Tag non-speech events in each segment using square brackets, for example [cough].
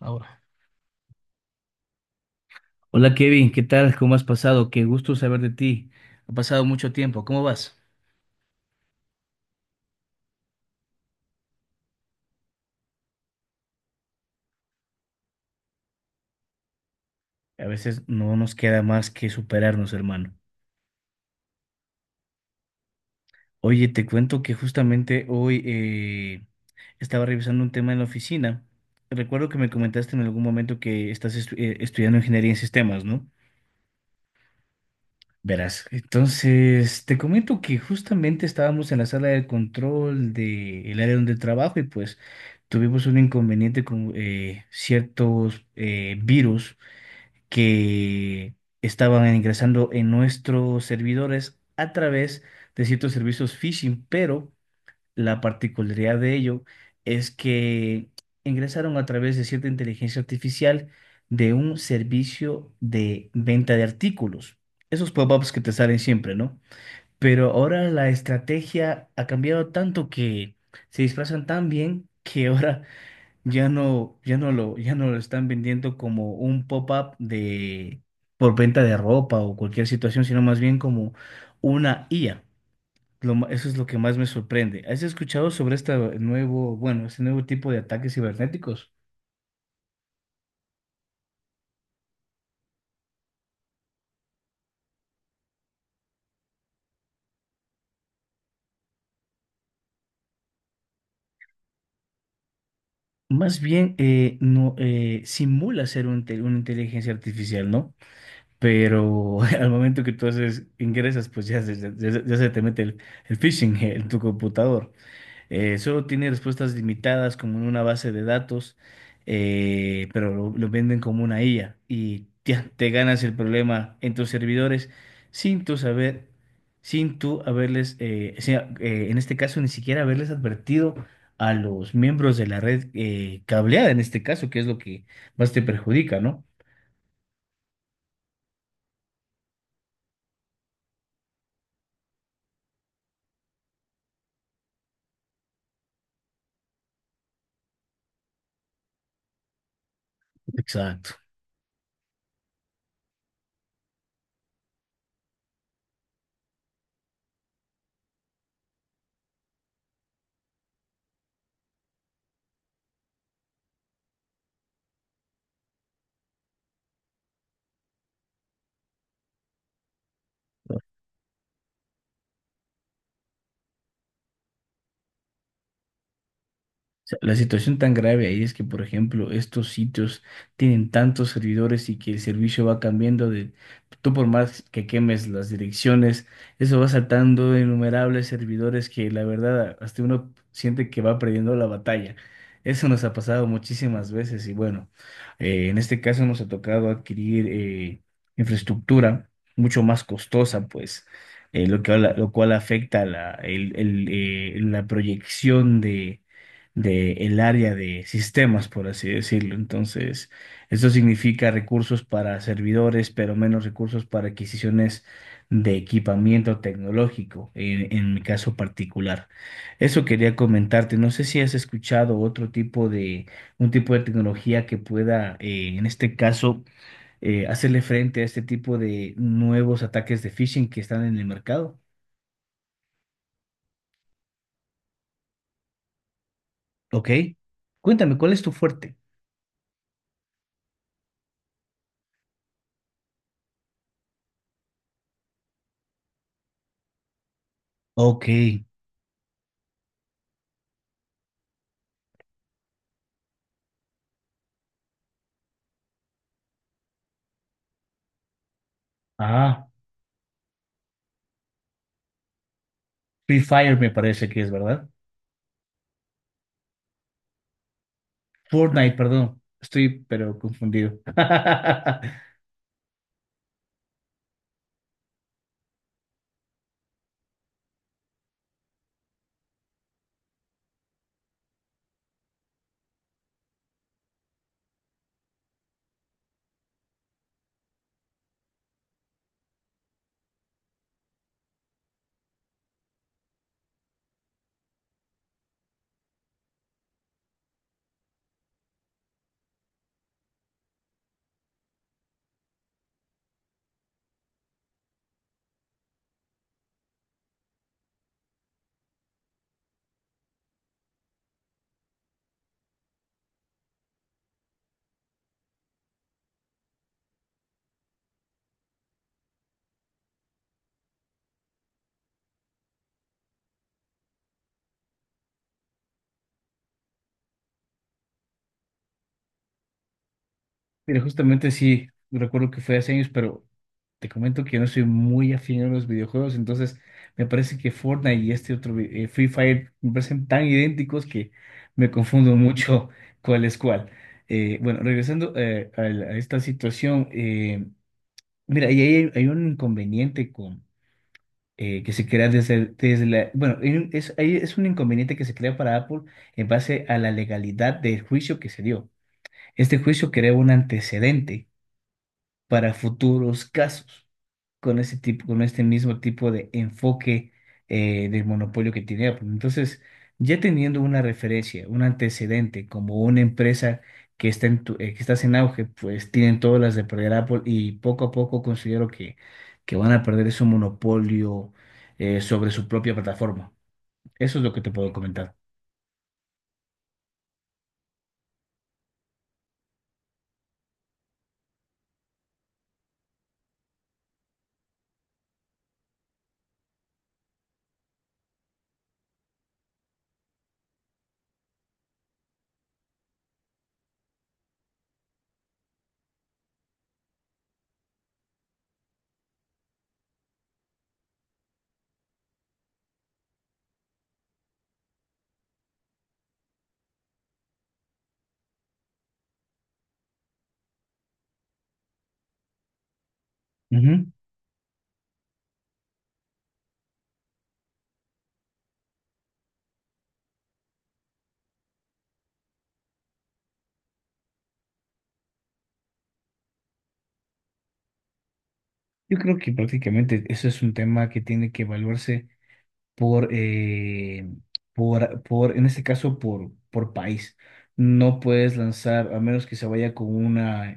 Ahora. Hola, Kevin, ¿qué tal? ¿Cómo has pasado? Qué gusto saber de ti. Ha pasado mucho tiempo, ¿cómo vas? A veces no nos queda más que superarnos, hermano. Oye, te cuento que justamente hoy estaba revisando un tema en la oficina. Recuerdo que me comentaste en algún momento que estudiando ingeniería en sistemas, ¿no? Verás, entonces te comento que justamente estábamos en la sala de control del área donde trabajo y pues tuvimos un inconveniente con ciertos virus que estaban ingresando en nuestros servidores a través de ciertos servicios phishing, pero la particularidad de ello es que ingresaron a través de cierta inteligencia artificial de un servicio de venta de artículos. Esos pop-ups que te salen siempre, ¿no? Pero ahora la estrategia ha cambiado tanto que se disfrazan tan bien que ahora [laughs] ya no lo están vendiendo como un pop-up de por venta de ropa o cualquier situación, sino más bien como una IA. Eso es lo que más me sorprende. ¿Has escuchado sobre este este nuevo tipo de ataques cibernéticos? Más bien, no, simula ser una inteligencia artificial, ¿no? Pero [laughs] al momento que ingresas, pues ya, ya se te mete el phishing en tu computador. Solo tiene respuestas limitadas como en una base de datos, pero lo venden como una IA y ya te ganas el problema en tus servidores sin tú saber, sin tú haberles, o sea, en este caso ni siquiera haberles advertido a los miembros de la red cableada, en este caso, que es lo que más te perjudica, ¿no? Exacto. sea, la situación tan grave ahí es que, por ejemplo, estos sitios tienen tantos servidores y que el servicio va cambiando de, tú por más que quemes las direcciones, eso va saltando de innumerables servidores que la verdad hasta uno siente que va perdiendo la batalla. Eso nos ha pasado muchísimas veces y bueno, en este caso nos ha tocado adquirir infraestructura mucho más costosa, pues, lo que, lo cual afecta la proyección del área de sistemas, por así decirlo. Entonces, esto significa recursos para servidores, pero menos recursos para adquisiciones de equipamiento tecnológico, en mi caso particular. Eso quería comentarte. No sé si has escuchado otro tipo de, un tipo de tecnología que pueda, en este caso, hacerle frente a este tipo de nuevos ataques de phishing que están en el mercado. Ok. Cuéntame, ¿cuál es tu fuerte? Ok. Ah. Free Fire me parece que es, ¿verdad? Fortnite, perdón. Estoy, pero confundido. [laughs] Mira, justamente sí, recuerdo que fue hace años, pero te comento que yo no soy muy afín a los videojuegos, entonces me parece que Fortnite y este otro, Free Fire, me parecen tan idénticos que me confundo mucho [laughs] cuál es cuál. Bueno, regresando a, a esta situación, mira, y hay un inconveniente con que se crea desde la... Bueno, ahí es un inconveniente que se crea para Apple en base a la legalidad del juicio que se dio. Este juicio crea un antecedente para futuros casos con con este mismo tipo de enfoque del monopolio que tiene Apple. Entonces, ya teniendo una referencia, un antecedente, como una empresa que que estás en auge, pues tienen todas las de perder Apple y poco a poco considero que van a perder ese monopolio sobre su propia plataforma. Eso es lo que te puedo comentar. Ujú. Yo creo que prácticamente eso es un tema que tiene que evaluarse por, en este caso, por país. No puedes lanzar, a menos que se vaya con una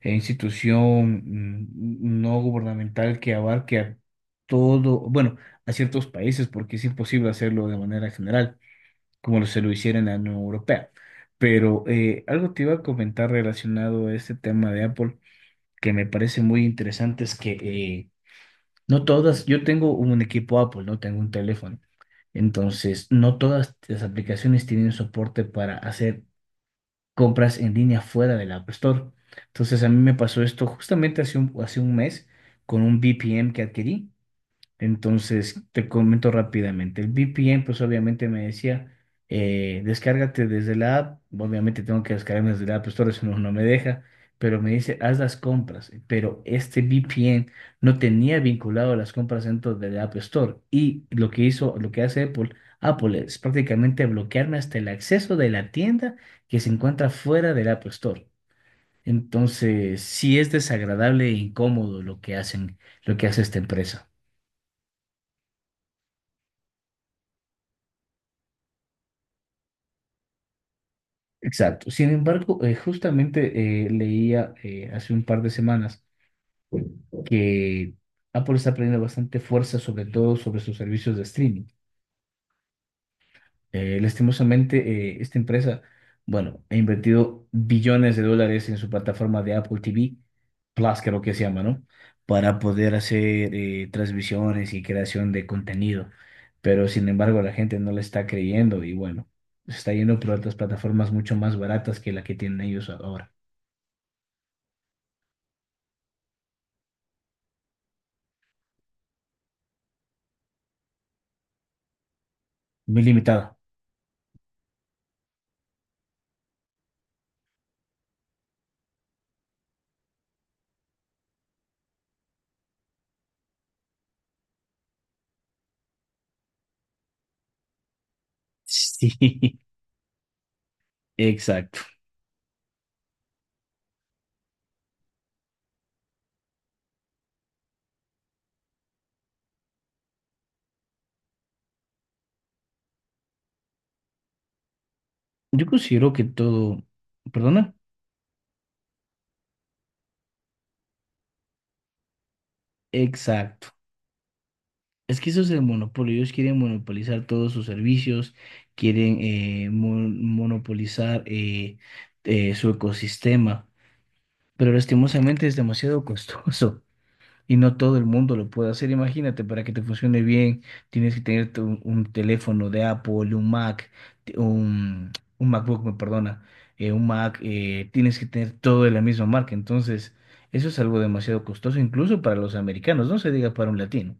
institución no gubernamental que abarque a todo, bueno, a ciertos países, porque es imposible hacerlo de manera general, como se lo hiciera en la Unión Europea. Pero algo te iba a comentar relacionado a este tema de Apple que me parece muy interesante es que no todas, yo tengo un equipo Apple, no tengo un teléfono. Entonces, no todas las aplicaciones tienen soporte para hacer compras en línea fuera del App Store. Entonces, a mí me pasó esto justamente hace un mes con un V P VPN que adquirí. Entonces, te comento rápidamente. El VPN, pues obviamente me decía, descárgate desde la app. Obviamente tengo que descargarme desde la App Store, eso no, no me deja, pero me dice, haz las compras. Pero este VPN no tenía vinculado las compras dentro de la App Store. Y lo que hace Apple, Apple es prácticamente bloquearme hasta el acceso de la tienda que se encuentra fuera del App Store. Entonces, sí es desagradable e incómodo lo que hacen, lo que hace esta empresa. Exacto. Sin embargo, justamente leía hace un par de semanas que Apple está perdiendo bastante fuerza, sobre todo sobre sus servicios de streaming. Lastimosamente, esta empresa, bueno, ha invertido billones de dólares en su plataforma de Apple TV, Plus creo que se llama, ¿no? Para poder hacer transmisiones y creación de contenido. Pero sin embargo, la gente no le está creyendo y bueno, se está yendo por otras plataformas mucho más baratas que la que tienen ellos ahora. Muy limitado. Sí, [laughs] exacto. Yo considero que todo, perdona, exacto. Es que eso es el monopolio. Ellos quieren monopolizar todos sus servicios, quieren monopolizar su ecosistema, pero lastimosamente es demasiado costoso. Y no todo el mundo lo puede hacer. Imagínate, para que te funcione bien, tienes que tener teléfono de Apple, un Mac, t- un, un MacBook, me perdona, un Mac, tienes que tener todo de la misma marca. Entonces, eso es algo demasiado costoso, incluso para los americanos, no se diga para un latino.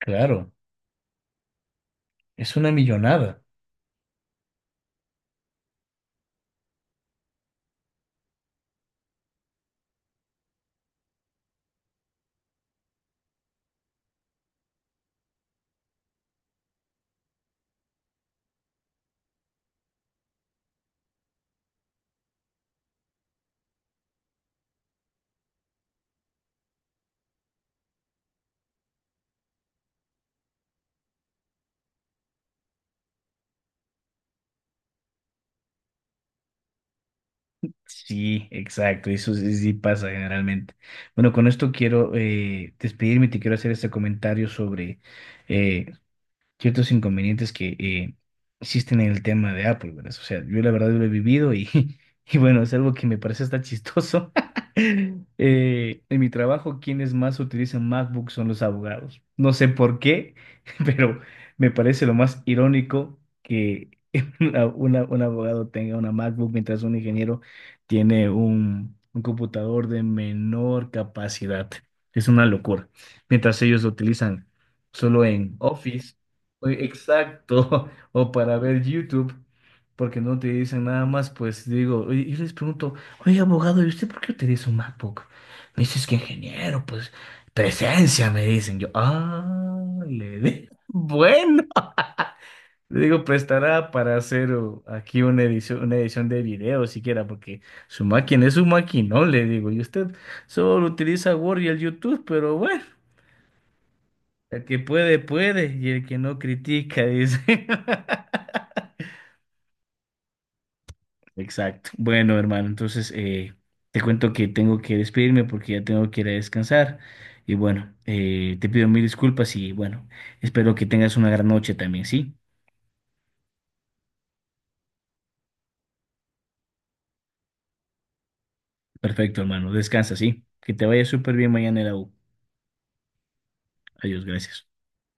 Claro, es una millonada. Sí, exacto, eso sí, sí pasa generalmente. Bueno, con esto quiero despedirme y te quiero hacer este comentario sobre eh, ciertos inconvenientes que existen en el tema de Apple, ¿verdad? O sea, yo la verdad lo he vivido y, [laughs] y bueno, es algo que me parece hasta chistoso. [laughs] En mi trabajo, quienes más utilizan MacBook son los abogados. No sé por qué, [laughs] pero me parece lo más irónico que [laughs] un abogado tenga una MacBook mientras un ingeniero tiene un computador de menor capacidad. Es una locura. Mientras ellos lo utilizan solo en Office. Oye, exacto, [laughs] o para ver YouTube, porque no te dicen nada más, pues digo, oye, yo les pregunto, oye, abogado, ¿y usted por qué utiliza un MacBook? Me dice, es que ingeniero, pues presencia, me dicen yo, ah, [laughs] bueno, le digo, prestará para hacer oh, aquí una edición de video siquiera, porque su máquina es su máquina, le digo, y usted solo utiliza Word y el YouTube, pero bueno, el que puede, puede, y el que no critica, dice. [laughs] Exacto. Bueno, hermano, entonces te cuento que tengo que despedirme porque ya tengo que ir a descansar. Y bueno, te pido 1000 disculpas y bueno, espero que tengas una gran noche también, ¿sí? Perfecto, hermano. Descansa, ¿sí? Que te vaya súper bien mañana en la U. Adiós, gracias.